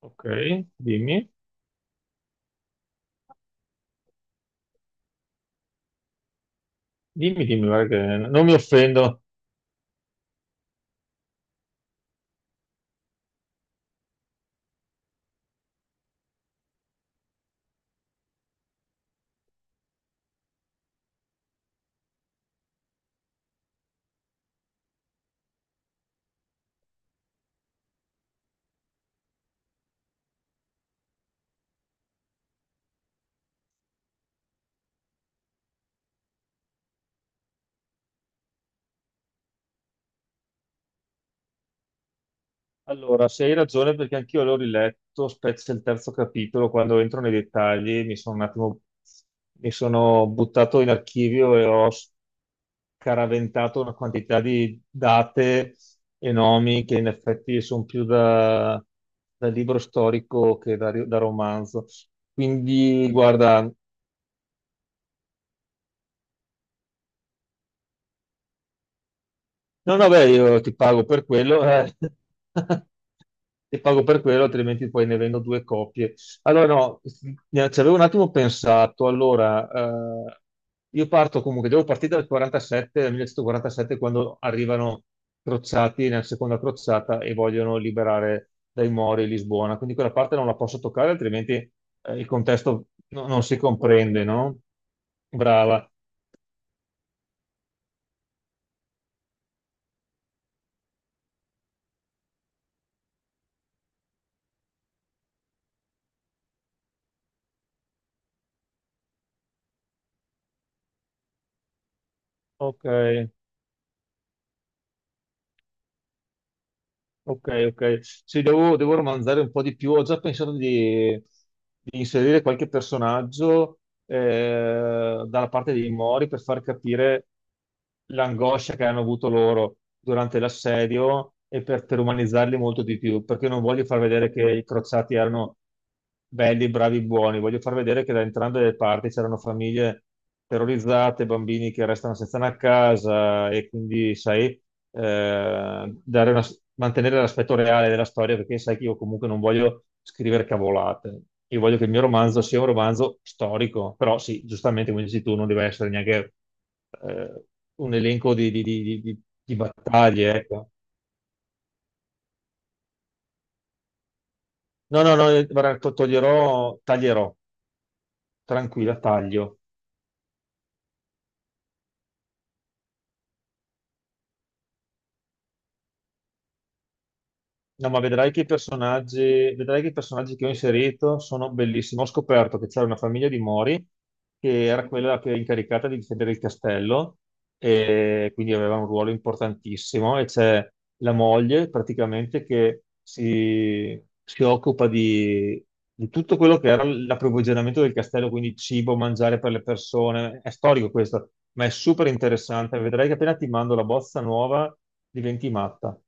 Ok, dimmi, dimmi, guarda che non mi offendo. Allora, se hai ragione, perché anch'io l'ho riletto, specie il terzo capitolo, quando entro nei dettagli, mi sono buttato in archivio e ho scaraventato una quantità di date e nomi che in effetti sono più da libro storico che da romanzo. Quindi, guarda, no, no, beh, io ti pago per quello, eh. Ti pago per quello, altrimenti poi ne vendo due copie. Allora, no, ci avevo un attimo pensato. Allora, io parto comunque, devo partire dal 47, dal 1947, quando arrivano crociati nella seconda crociata e vogliono liberare dai Mori Lisbona. Quindi quella parte non la posso toccare, altrimenti il contesto non si comprende, no? Brava. Ok. Ok, ok. Sì, devo romanzare un po' di più. Ho già pensato di inserire qualche personaggio dalla parte dei Mori per far capire l'angoscia che hanno avuto loro durante l'assedio e per umanizzarli molto di più, perché non voglio far vedere che i crociati erano belli, bravi, buoni. Voglio far vedere che da entrambe le parti c'erano famiglie terrorizzate, bambini che restano senza una casa e quindi, sai, eh, dare una- mantenere l'aspetto reale della storia perché sai che io comunque non voglio scrivere cavolate. Io voglio che il mio romanzo sia un romanzo storico, però sì, giustamente come dici tu, non deve essere neanche eh, un elenco di battaglie, ecco. No, no, no, guarda, toglierò, taglierò, tranquilla, taglio. No, ma vedrai che i personaggi, vedrai che i personaggi che ho inserito sono bellissimi. Ho scoperto che c'era una famiglia di Mori che era quella che era incaricata di difendere il castello e quindi aveva un ruolo importantissimo. E c'è la moglie praticamente si occupa di tutto quello che era l'approvvigionamento del castello, quindi cibo, mangiare per le persone. È storico questo, ma è super interessante. Vedrai che appena ti mando la bozza nuova diventi matta.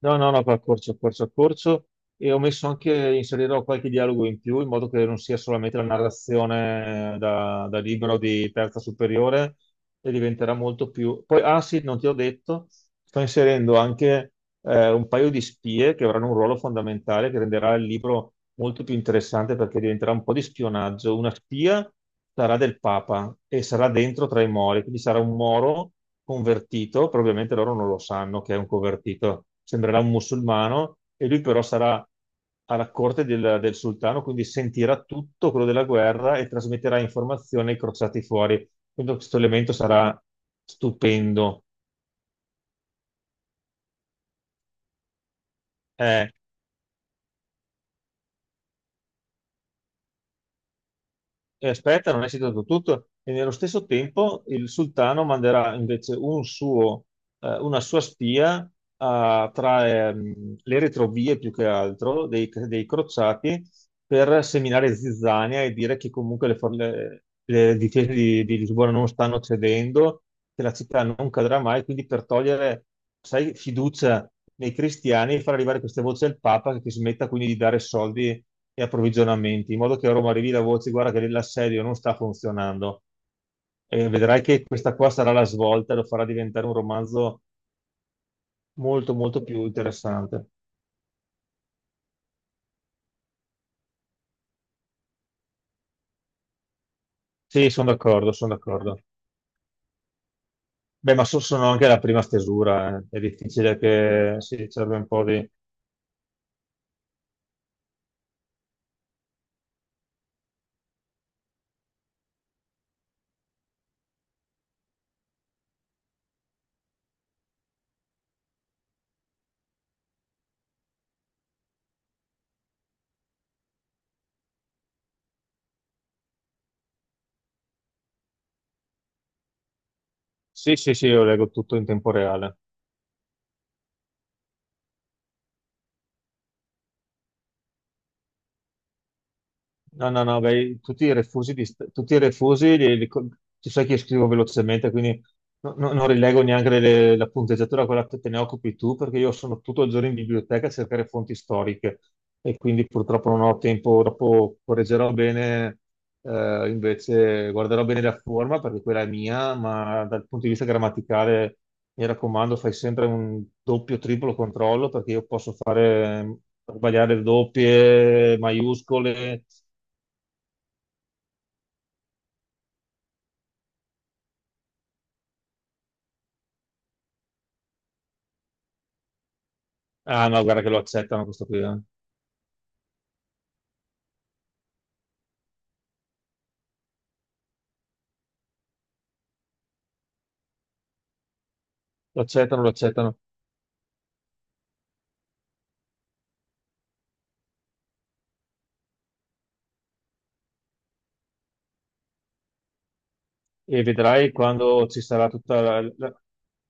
No, no, no, accorcio, accorcio, accorcio. E ho messo anche, inserirò qualche dialogo in più in modo che non sia solamente la narrazione da libro di terza superiore e diventerà molto più... Poi, ah sì, non ti ho detto, sto inserendo anche un paio di spie che avranno un ruolo fondamentale che renderà il libro molto più interessante perché diventerà un po' di spionaggio. Una spia sarà del Papa e sarà dentro tra i Mori, quindi sarà un Moro convertito, probabilmente loro non lo sanno che è un convertito, sembrerà un musulmano e lui però sarà alla corte del sultano, quindi sentirà tutto quello della guerra e trasmetterà informazioni ai crociati fuori. Quindi questo elemento sarà stupendo. Eh, E aspetta, non è citato tutto. E nello stesso tempo il sultano manderà invece un suo, una sua spia tra le retrovie più che altro dei, dei crociati per seminare zizzania e dire che comunque le difese di Lisbona non stanno cedendo, che la città non cadrà mai, quindi per togliere, sai, fiducia nei cristiani e far arrivare queste voci al Papa che smetta quindi di dare soldi e approvvigionamenti, in modo che a Roma arrivi la voce, guarda che l'assedio non sta funzionando. E vedrai che questa qua sarà la svolta, lo farà diventare un romanzo molto, molto più interessante. Sì, sono d'accordo, sono d'accordo. Beh, ma sono anche la prima stesura, eh. È difficile che si serve un po' di... Sì, sì, sì, io leggo tutto in tempo reale. No, no, no, beh, tutti i refusi, di st- tutti i refusi li- li co- tu sai che io scrivo velocemente, quindi non rilego neanche la punteggiatura, quella che te ne occupi tu, perché io sono tutto il giorno in biblioteca a cercare fonti storiche e quindi purtroppo non ho tempo, dopo correggerò bene, invece guarderò bene la forma perché quella è mia, ma dal punto di vista grammaticale mi raccomando, fai sempre un doppio, triplo controllo perché io posso fare, sbagliare doppie, maiuscole. Ah no, guarda che lo accettano questo qui, eh. Lo accettano, lo accettano. E vedrai quando ci sarà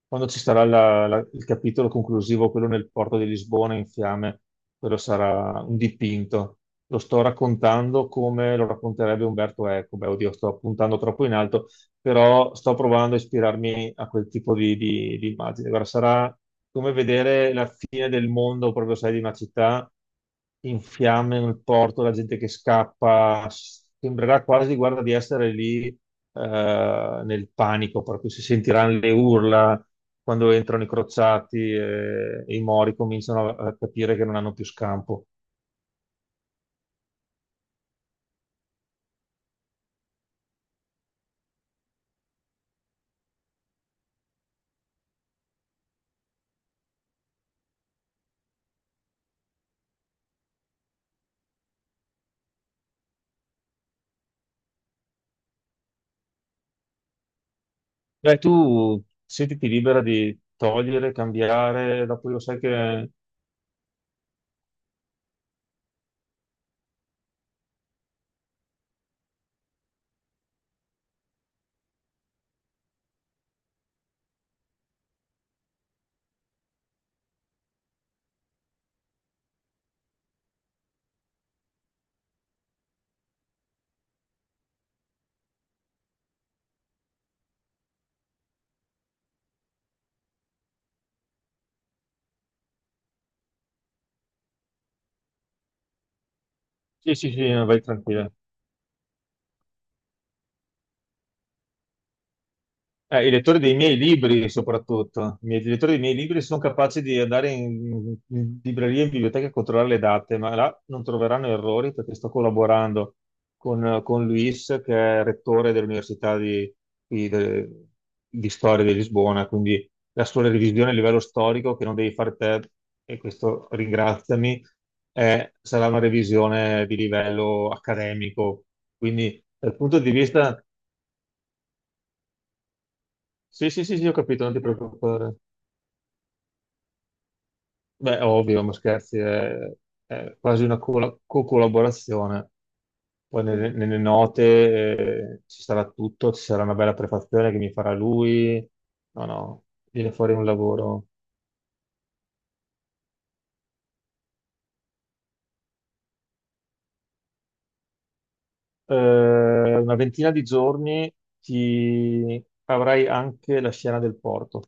quando ci sarà il capitolo conclusivo, quello nel porto di Lisbona in fiamme, quello sarà un dipinto. Lo sto raccontando come lo racconterebbe Umberto Eco. Beh, oddio, sto puntando troppo in alto, però sto provando a ispirarmi a quel tipo di immagine. Guarda, sarà come vedere la fine del mondo, proprio sai, di una città in fiamme nel porto, la gente che scappa. Sembrerà quasi, guarda, di essere lì nel panico, per cui si sentiranno le urla quando entrano i crociati e i mori cominciano a capire che non hanno più scampo. Beh, tu sentiti libera di togliere, cambiare, dopo lo sai che... Sì, sì, sì, vai tranquilla. I lettori dei miei libri, soprattutto, i lettori dei miei libri sono capaci di andare in libreria e in biblioteca a controllare le date, ma là non troveranno errori perché sto collaborando con Luis, che è rettore dell'Università di- de- di Storia di Lisbona, quindi la sua revisione a livello storico, che non devi fare te, e questo ringraziami, sarà una revisione di livello accademico. Quindi dal punto di vista... Sì, sì, sì, sì, ho capito, non ti preoccupare. Beh, ovvio, ma scherzi, è quasi una co-collaborazione. Poi nelle note ci sarà tutto, ci sarà una bella prefazione che mi farà lui. No, no, viene fuori un lavoro. Eh, una 20ina di giorni ti avrai anche la scena del porto.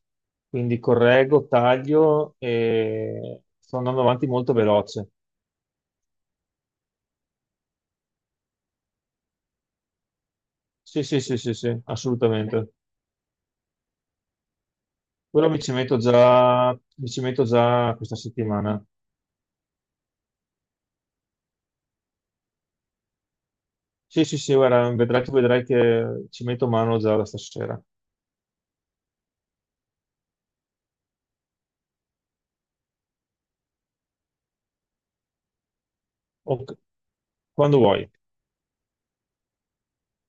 Quindi correggo, taglio e sto andando avanti molto veloce. Sì, sì, sì, sì, sì, assolutamente. Quello mi ci metto già, mi ci metto già questa settimana. Sì, sì, sì, guarda, vedrai, tu vedrai che ci metto mano già da stasera. Ok, quando vuoi.